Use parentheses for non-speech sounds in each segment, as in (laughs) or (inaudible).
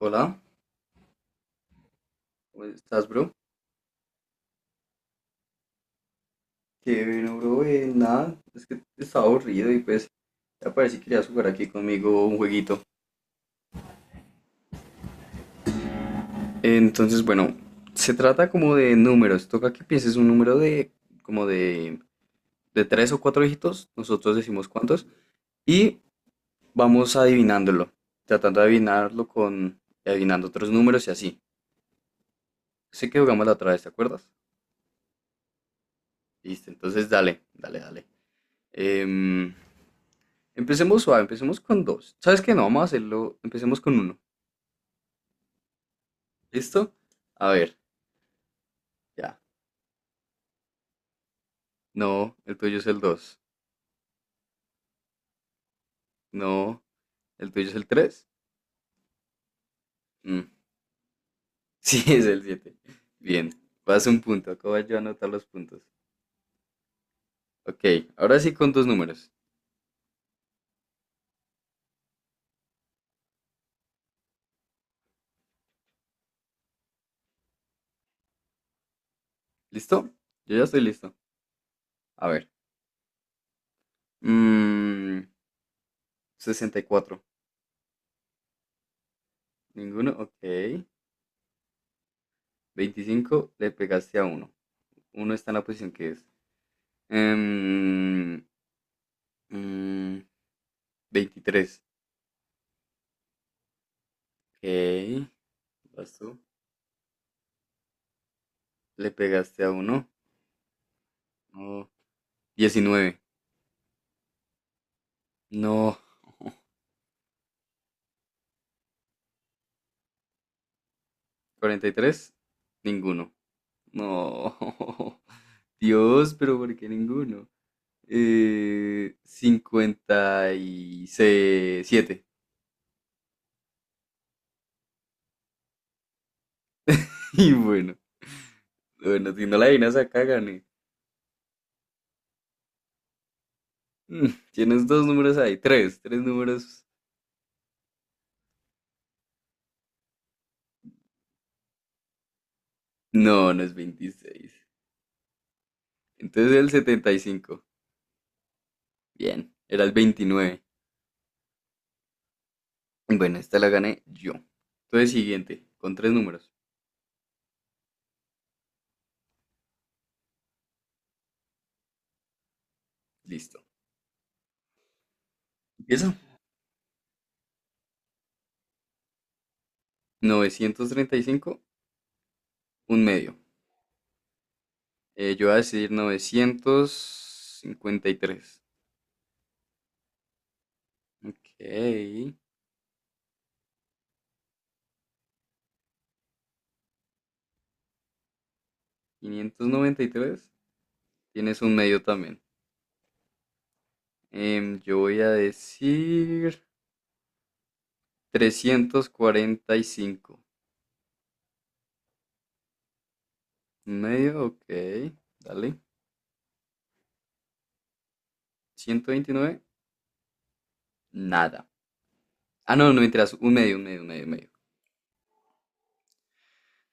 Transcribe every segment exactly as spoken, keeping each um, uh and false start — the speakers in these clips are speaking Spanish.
Hola, ¿cómo estás, bro? Qué bueno, bro, eh, nada, es que estaba aburrido y pues ya parece que querías jugar aquí conmigo un jueguito. Entonces, bueno, se trata como de números, toca que pienses un número de como de, de tres o cuatro dígitos, nosotros decimos cuántos, y vamos adivinándolo, tratando de adivinarlo con adivinando otros números y así. Sé que jugamos la otra vez, ¿te acuerdas? Listo, entonces dale, dale, dale. Em, Empecemos suave, empecemos con dos. ¿Sabes qué? No, vamos a hacerlo, empecemos con uno. ¿Listo? A ver, ya. No, el tuyo es el dos. No, el tuyo es el tres. (laughs) Sí, es el siete. Bien, vas un punto. Acabo yo a anotar los puntos. Ok, ahora sí con dos números. ¿Listo? Yo ya estoy listo. A ver. mm, sesenta y cuatro. Ninguno, ok. Veinticinco, le pegaste a uno. Uno está en la posición que es. Em, mm, veintitrés. Ok, vas tú. Le pegaste a uno. No, diecinueve. No. Cuarenta y tres. Ninguno. No. (laughs) Dios, pero ¿por qué ninguno? Eh, cincuenta y siete. Y siete. (laughs) Y bueno, bueno, si no la adivinas acá, gané. Mm, Tienes dos números ahí, tres, tres números. No, no es veintiséis. Entonces el setenta y cinco. Bien, era el veintinueve. Bueno, esta la gané yo. Entonces siguiente, con tres números. Listo. Empieza. Novecientos treinta y cinco. Un medio. Eh, yo voy a decir novecientos cincuenta y tres. Ok. Quinientos noventa y tres. Tienes un medio también. Em, yo voy a decir trescientos cuarenta y cinco. Un medio, ok. Dale. Ciento veintinueve. Nada. Ah, no, no mentiras. Un medio, un medio, un medio, un medio.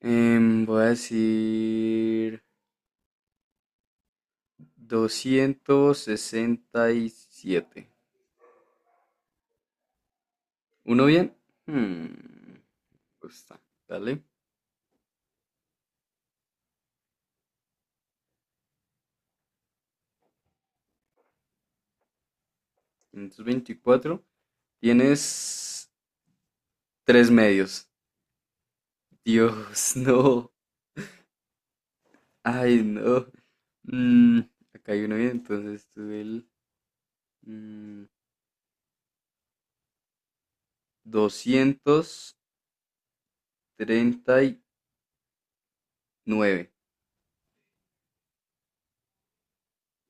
Em, voy a decir doscientos sesenta y siete. ¿Uno bien? Hmm, pues está. Dale. quinientos veinticuatro. Tienes tres medios. Dios, (laughs) no. Ay, no. Mm, acá hay uno bien, entonces tuve el mm, doscientos treinta y nueve.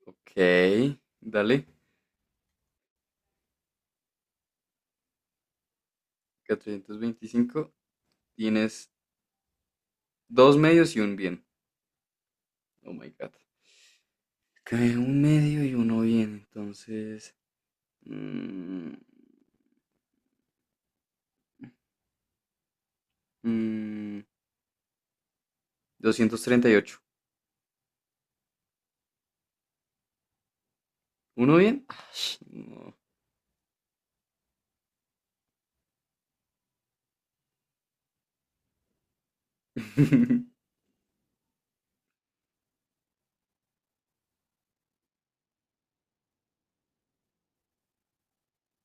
Ok, dale. cuatrocientos veinticinco. Tienes dos medios y un bien. Oh my God. Que un medio y uno bien, entonces. mm, mm, doscientos treinta y ocho. ¿Uno bien? Ay, no. (laughs)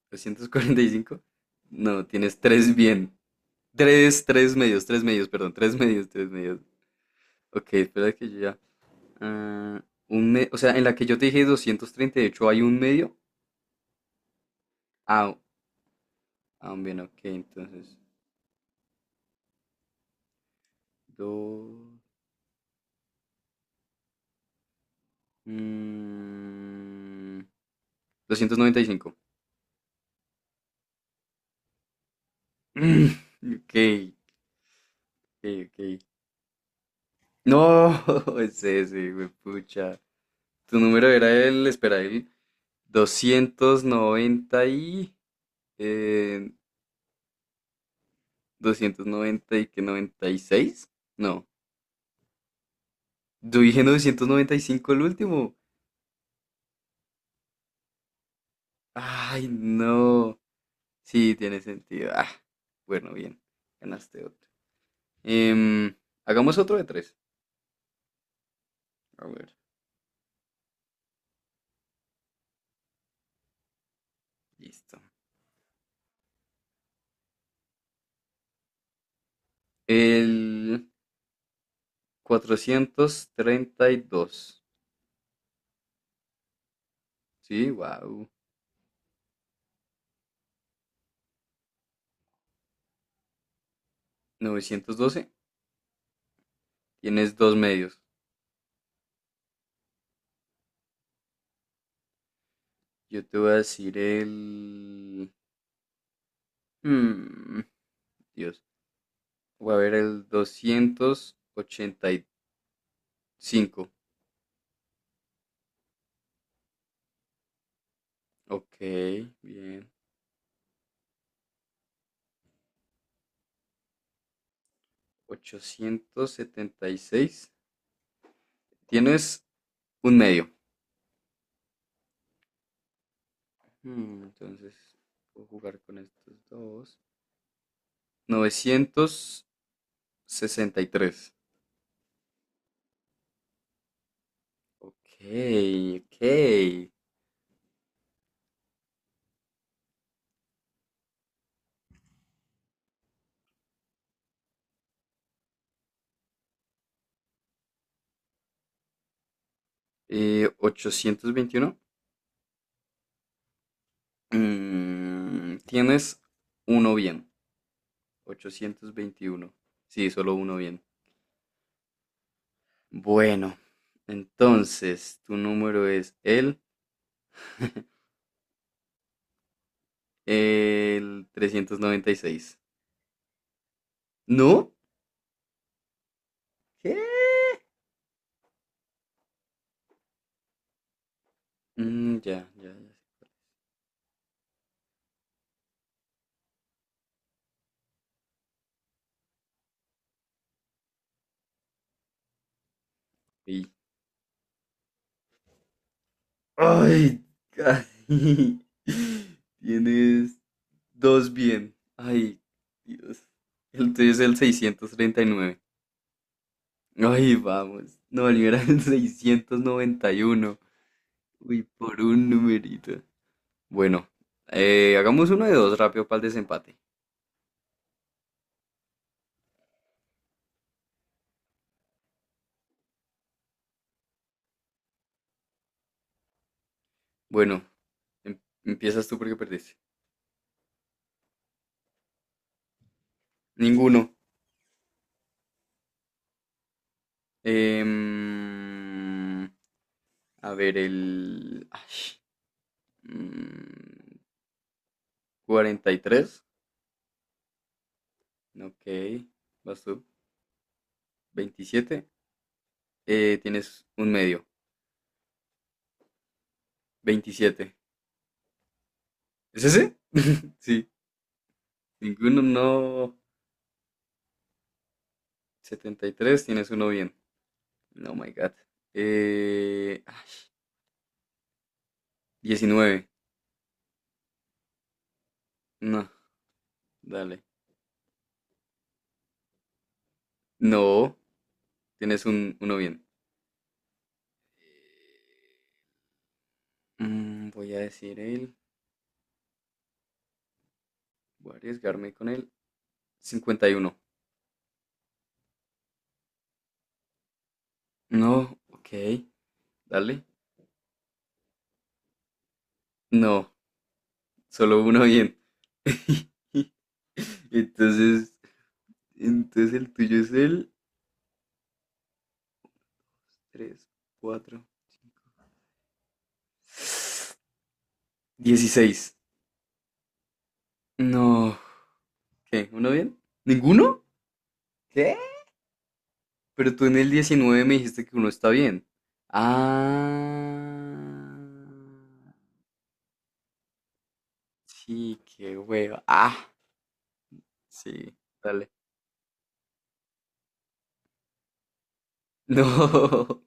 ¿Trescientos cuarenta y cinco? No, tienes tres bien. Tres, tres medios, tres medios, perdón, tres medios, tres medios. Ok, espera que yo ya. ah, un me- o sea, en la que yo te dije doscientos treinta y ocho hay un medio. Ah, ah, bien, ok, entonces. Dos. mm, doscientos noventa y cinco. Ok, ok, ok. No, (laughs) ese, ese, güey, pucha. Tu número era el, espera, el doscientos noventa y eh, doscientos noventa y que noventa y seis. No, yo dije novecientos noventa y cinco el último. Ay, no. Sí, tiene sentido. Ah, bueno, bien. Ganaste otro. Em, hagamos otro de tres. A ver, listo. El cuatrocientos treinta y dos. Sí, wow. Novecientos doce. Tienes dos medios. Yo te voy a decir el. Mm, Dios. Voy a ver el doscientos ochenta y cinco. Ok, bien. Ochocientos setenta y seis. Tienes un medio. Mm, Entonces, puedo jugar con estos dos. novecientos sesenta y tres. Ok, ok. Eh, ochocientos veintiuno. Mm, tienes uno bien. Ochocientos veintiuno. Sí, solo uno bien. Bueno, entonces, tu número es el, (laughs) el trescientos noventa y seis. ¿No? ¿Qué? Mm, ya, ya, ya. Y. Ay, casi. (laughs) Tienes dos bien. Ay, Dios. El tuyo es el seiscientos treinta y nueve. Ay, vamos. No, el mío era el seiscientos noventa y uno. Uy, por un numerito. Bueno, eh, hagamos uno de dos rápido para el desempate. Bueno, em- empiezas tú porque perdiste. Ninguno. Em, a ver, el. Ay, mm, cuarenta y tres. Ok. Vas tú. veintisiete. Eh, tienes un medio. Veintisiete, ¿es ese? (laughs) Sí. Ninguno, no. Setenta y tres. Tienes uno bien. No, my God. Eh, ay, diecinueve. No, dale. No, tienes un uno bien. Mm, voy a decir él. Voy a arriesgarme con él. Cincuenta y uno. No, ok. Dale. No, solo uno bien. (laughs) Entonces, Entonces el tuyo es el tres cuatro cinco, dieciséis. No. ¿Qué? ¿Uno bien? ¿Ninguno? ¿Qué? Pero tú en el diecinueve me dijiste que uno está bien. Ah. Sí, qué hueva. Ah, sí. Dale. No. (laughs)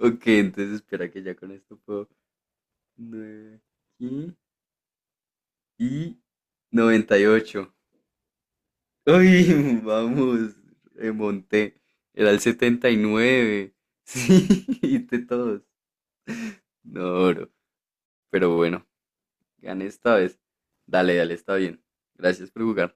Ok, entonces espera que ya con esto puedo. Nueve y, noventa y ocho. Uy, (laughs) vamos, remonté. Era el setenta y nueve. Sí, (laughs) viste todos. No, bro. Pero bueno, gané esta vez. Dale, dale, está bien. Gracias por jugar.